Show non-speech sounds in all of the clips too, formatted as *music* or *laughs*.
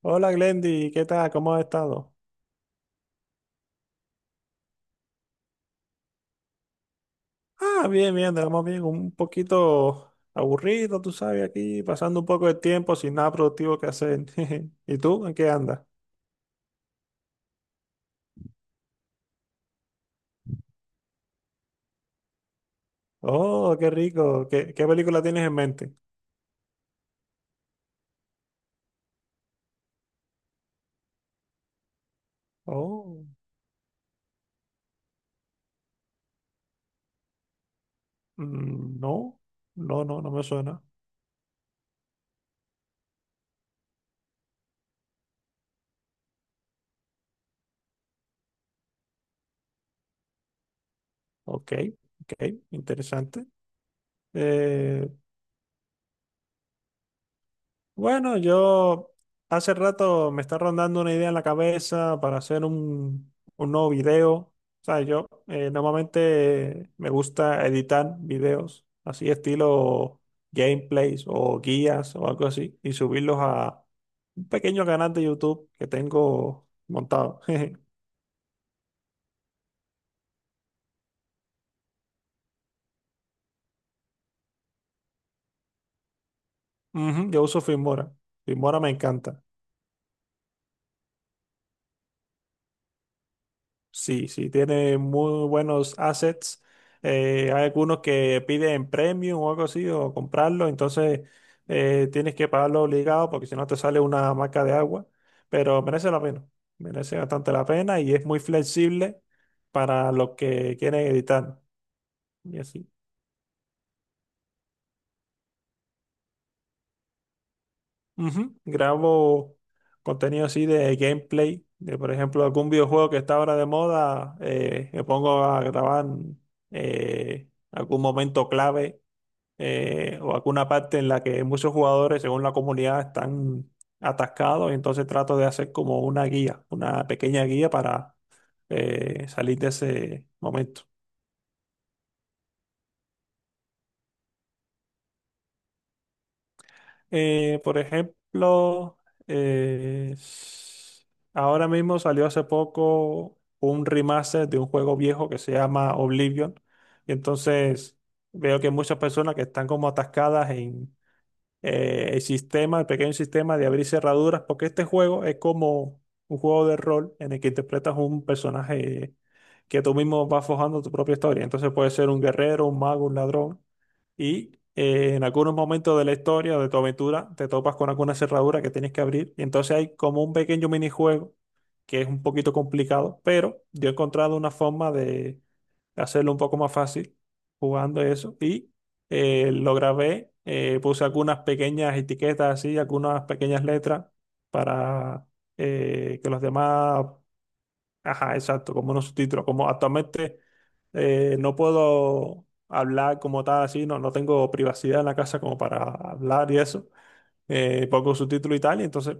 Hola Glendy, ¿qué tal? ¿Cómo has estado? Bien, bien, estamos bien, un poquito aburrido, tú sabes, aquí pasando un poco de tiempo sin nada productivo que hacer. *laughs* ¿Y tú? ¿En qué andas? Oh, qué rico. ¿Qué película tienes en mente? Oh, mm, no, no me suena. Ok, ok, interesante. Eh, Bueno, yo hace rato me está rondando una idea en la cabeza para hacer un nuevo video. O sea, yo normalmente me gusta editar videos así estilo gameplays o guías o algo así y subirlos a un pequeño canal de YouTube que tengo montado. *laughs* Ujú, yo uso Filmora. Filmora me encanta. Sí, sí, tiene muy buenos assets. Hay algunos que piden premium o algo así, o comprarlo, entonces tienes que pagarlo obligado porque si no te sale una marca de agua, pero merece la pena, merece bastante la pena y es muy flexible para los que quieren editar y así. Ujú. Grabo contenido así de gameplay, de por ejemplo algún videojuego que está ahora de moda, me pongo a grabar algún momento clave o alguna parte en la que muchos jugadores, según la comunidad, están atascados, y entonces trato de hacer como una guía, una pequeña guía para salir de ese momento. Por ejemplo, eh, s- ahora mismo salió hace poco un remaster de un juego viejo que se llama Oblivion, y entonces veo que hay muchas personas que están como atascadas el sistema, el pequeño sistema de abrir cerraduras, porque este juego es como un juego de rol en el que interpretas un personaje que tú mismo vas forjando tu propia historia. Entonces puede ser un guerrero, un mago, un ladrón y en algunos momentos de la historia o de tu aventura te topas con alguna cerradura que tienes que abrir. Y entonces hay como un pequeño minijuego que es un poquito complicado, pero yo he encontrado una forma de hacerlo un poco más fácil jugando eso y lo grabé, puse algunas pequeñas etiquetas así, algunas pequeñas letras para que los demás. Ajá, exacto, como unos subtítulos. Como actualmente no puedo hablar como tal así, no, no tengo privacidad en la casa como para hablar y eso. Pongo subtítulos y tal, y entonces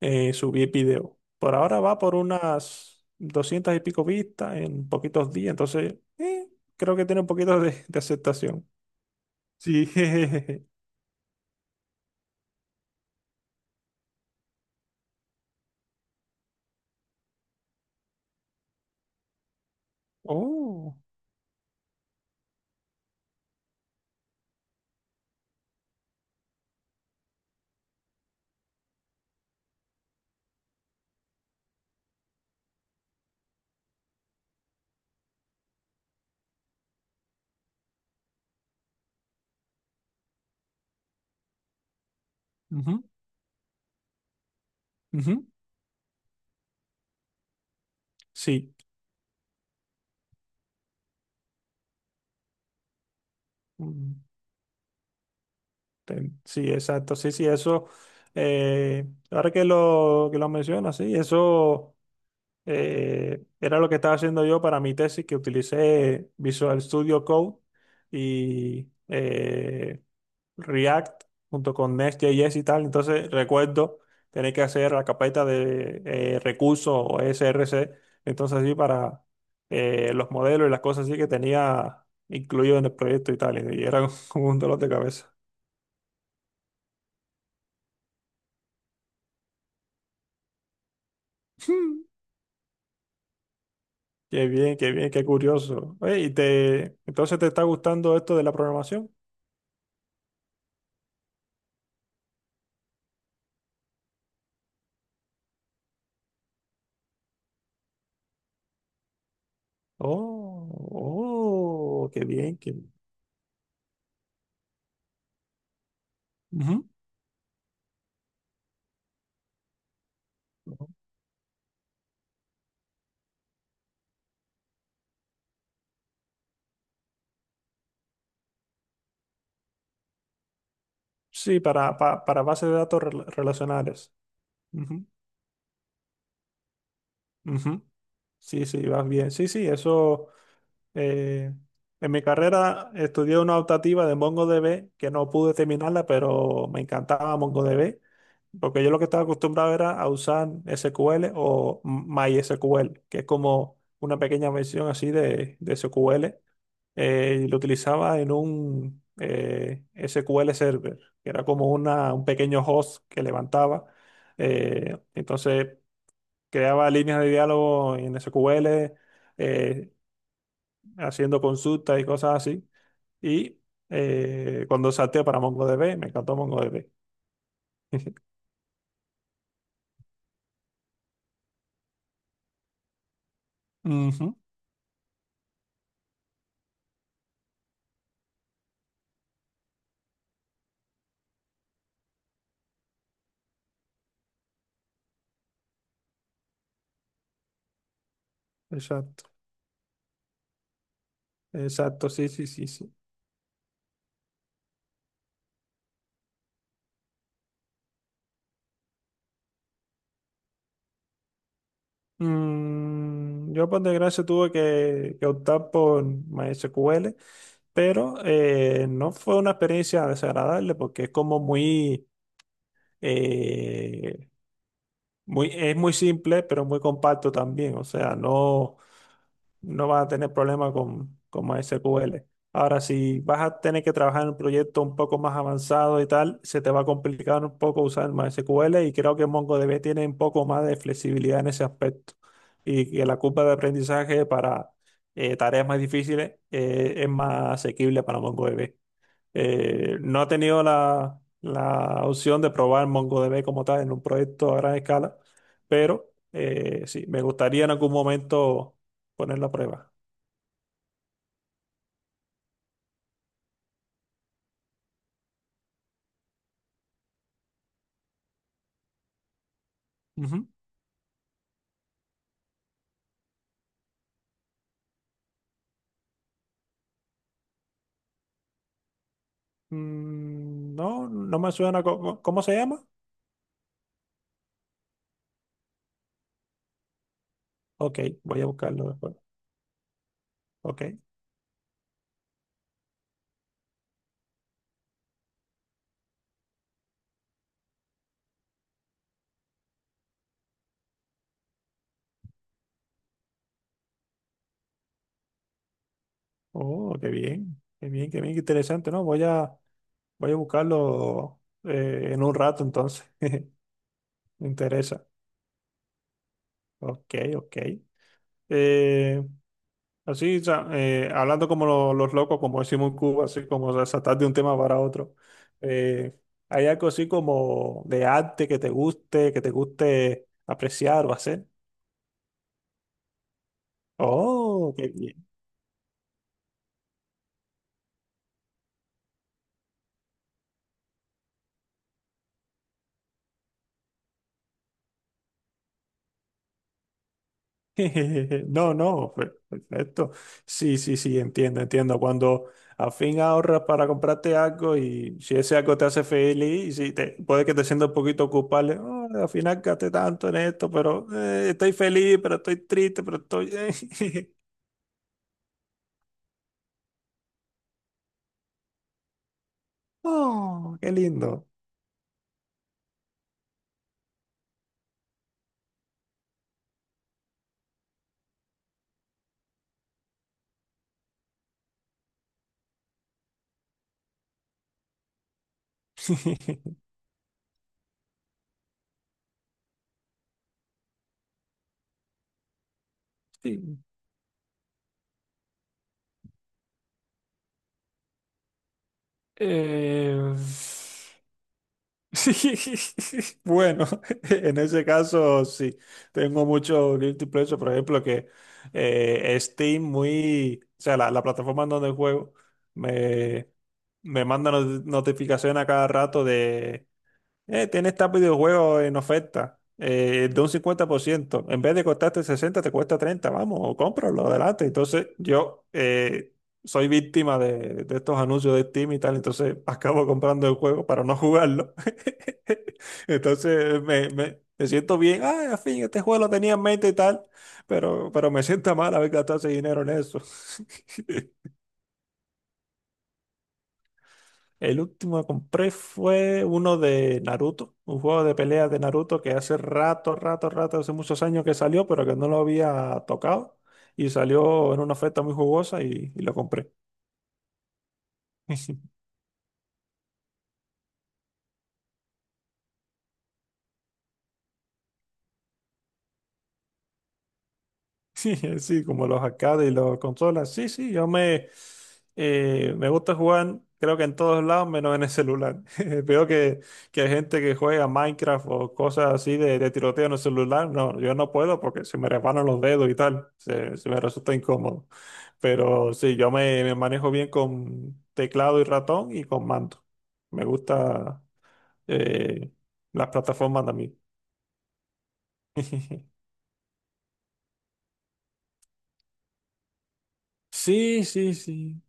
subí el video. Por ahora va por unas 200 y pico vistas en poquitos días, entonces creo que tiene un poquito de aceptación. Sí, *laughs* jejeje. Oh, ujú, ujú, sí. Sí, exacto, sí, sí, eso, ahora que lo mencionas, sí, eso era lo que estaba haciendo yo para mi tesis, que utilicé Visual Studio Code y React junto con Next.js y tal, entonces recuerdo tener que hacer la carpeta de recursos o SRC, entonces sí para los modelos y las cosas así que tenía incluido en el proyecto y tal, y era *laughs* como un dolor de cabeza. *laughs* Qué bien, qué bien, qué curioso. Oye, ¿y te, entonces te está gustando esto de la programación? Oh, oh, qué bien, qué bien. Ujú, sí, para bases de datos relacionales. Ujú, ujú. Sí, sí, vas bien. Sí, sí, eso. Eh, en mi carrera estudié una optativa de MongoDB que no pude terminarla, pero me encantaba MongoDB, porque yo lo que estaba acostumbrado era a usar SQL o MySQL, que es como una pequeña versión así de SQL. Y lo utilizaba en un SQL Server, que era como un pequeño host que levantaba. Entonces creaba líneas de diálogo en SQL haciendo consultas y cosas así. Y cuando salté para MongoDB, me encantó MongoDB. *laughs* Ujú, exacto, exacto, sí, sí, sí, sí. Mm, yo por desgracia tuve que optar por MySQL, pero no fue una experiencia desagradable porque es como muy, eh, es muy simple, pero muy compacto también. O sea, no, no vas a tener problema con MySQL. Ahora, si vas a tener que trabajar en un proyecto un poco más avanzado y tal, se te va a complicar un poco usar MySQL y creo que MongoDB tiene un poco más de flexibilidad en ese aspecto. Y que la curva de aprendizaje para tareas más difíciles es más asequible para MongoDB. No he tenido la, la opción de probar MongoDB como tal en un proyecto a gran escala, pero sí, me gustaría en algún momento ponerlo a prueba. Ujú. Mm, no, no me suena. ¿Cómo se llama? Ok, voy a buscarlo después. Ok. Oh, qué bien. Qué bien, qué bien, qué interesante, ¿no? Voy a, voy a buscarlo en un rato entonces. *laughs* Me interesa. Ok, ok. Eh, así, o sea, hablando como los locos, como decimos en Cuba, así como saltar de un tema para otro. Eh, ¿Hay algo así como de arte que te guste apreciar o hacer? Oh, qué bien. *laughs* No, no, perfecto. Sí, sí, sí, entiendo, entiendo. Cuando al fin ahorras para comprarte algo y si ese algo te hace feliz, y si te, puede que te sientas un poquito culpable, "Oh, al final gasté tanto en esto, pero estoy feliz, pero estoy triste, pero estoy... *laughs* Oh, qué lindo. *laughs* Sí. Eh, *laughs* sí. *laughs* Bueno, *laughs* en ese caso sí, tengo mucho guilty pleasure, por ejemplo, que Steam muy, o sea, la plataforma en donde juego me, me manda notificación a cada rato de tienes este videojuego en oferta de un 50%. En vez de costarte 60 te cuesta 30. Vamos, cómpralo, adelante. Entonces, yo soy víctima de estos anuncios de Steam y tal. Entonces, *laughs* acabo comprando el juego para no jugarlo. *laughs* Entonces, me, me siento bien. Ah, al fin, este juego lo tenía en mente y tal. Pero me siento mal haber gastado ese dinero en eso. *laughs* El último que compré fue uno de Naruto, un juego de peleas de Naruto que hace rato, hace muchos años que salió, pero que no lo había tocado. Y salió en una oferta muy jugosa y lo compré. *laughs* Sí, *laughs* sí, como los arcades y los consolas. Sí, sí, yo me, me gusta jugar, creo que en todos lados, menos en el celular. *laughs* Veo que hay gente que juega Minecraft o cosas así de tiroteo en el celular. No, yo no puedo porque se me resbalan los dedos y tal. Se me resulta incómodo. Pero sí, yo me, me manejo bien con teclado y ratón y con mando. Me gusta eh, las plataformas también. *laughs* Sí, sí, sí.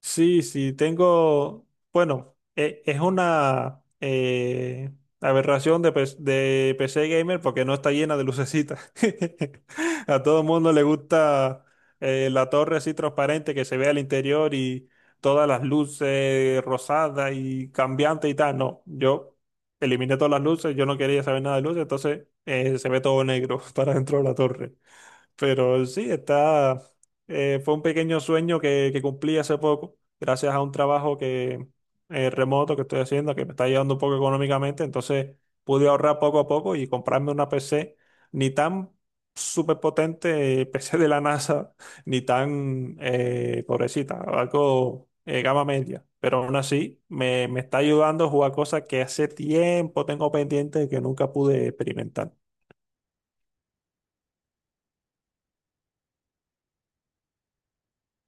Sí, sí, tengo, bueno, es una aberración de, de PC Gamer porque no está llena de lucecitas. *laughs* A todo el mundo le gusta la torre así transparente que se ve al interior y todas las luces rosadas y cambiantes y tal. No, yo eliminé todas las luces, yo no quería saber nada de luces, entonces se ve todo negro *laughs* para dentro de la torre. Pero sí, está, fue un pequeño sueño que cumplí hace poco, gracias a un trabajo que, remoto que estoy haciendo, que me está ayudando un poco económicamente. Entonces pude ahorrar poco a poco y comprarme una PC ni tan súper potente, *laughs* PC de la NASA, ni tan pobrecita, algo gama media. Pero aún así, me está ayudando a jugar cosas que hace tiempo tengo pendiente y que nunca pude experimentar.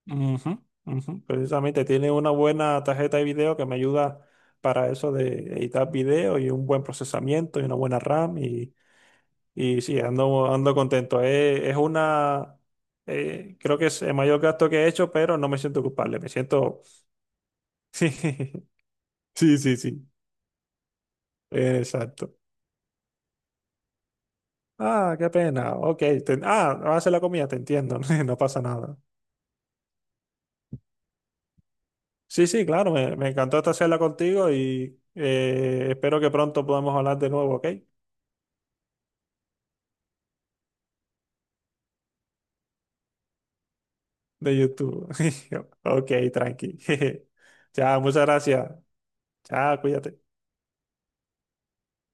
Ujú, ujú, precisamente tiene una buena tarjeta de video que me ayuda para eso de editar video y un buen procesamiento y una buena RAM y sí, ando, ando contento. Es una, creo que es el mayor gasto que he hecho, pero no me siento culpable, me siento... *laughs* Sí, sí, sí, sí, exacto. Ah, qué pena. Ok, va a hacer la comida, te entiendo, *laughs* no pasa nada. Sí, sí, claro, me encantó esta charla contigo y espero que pronto podamos hablar de nuevo, ¿ok? De YouTube. *laughs* Ok, tranqui. *laughs* Chao, muchas gracias. Chao, cuídate.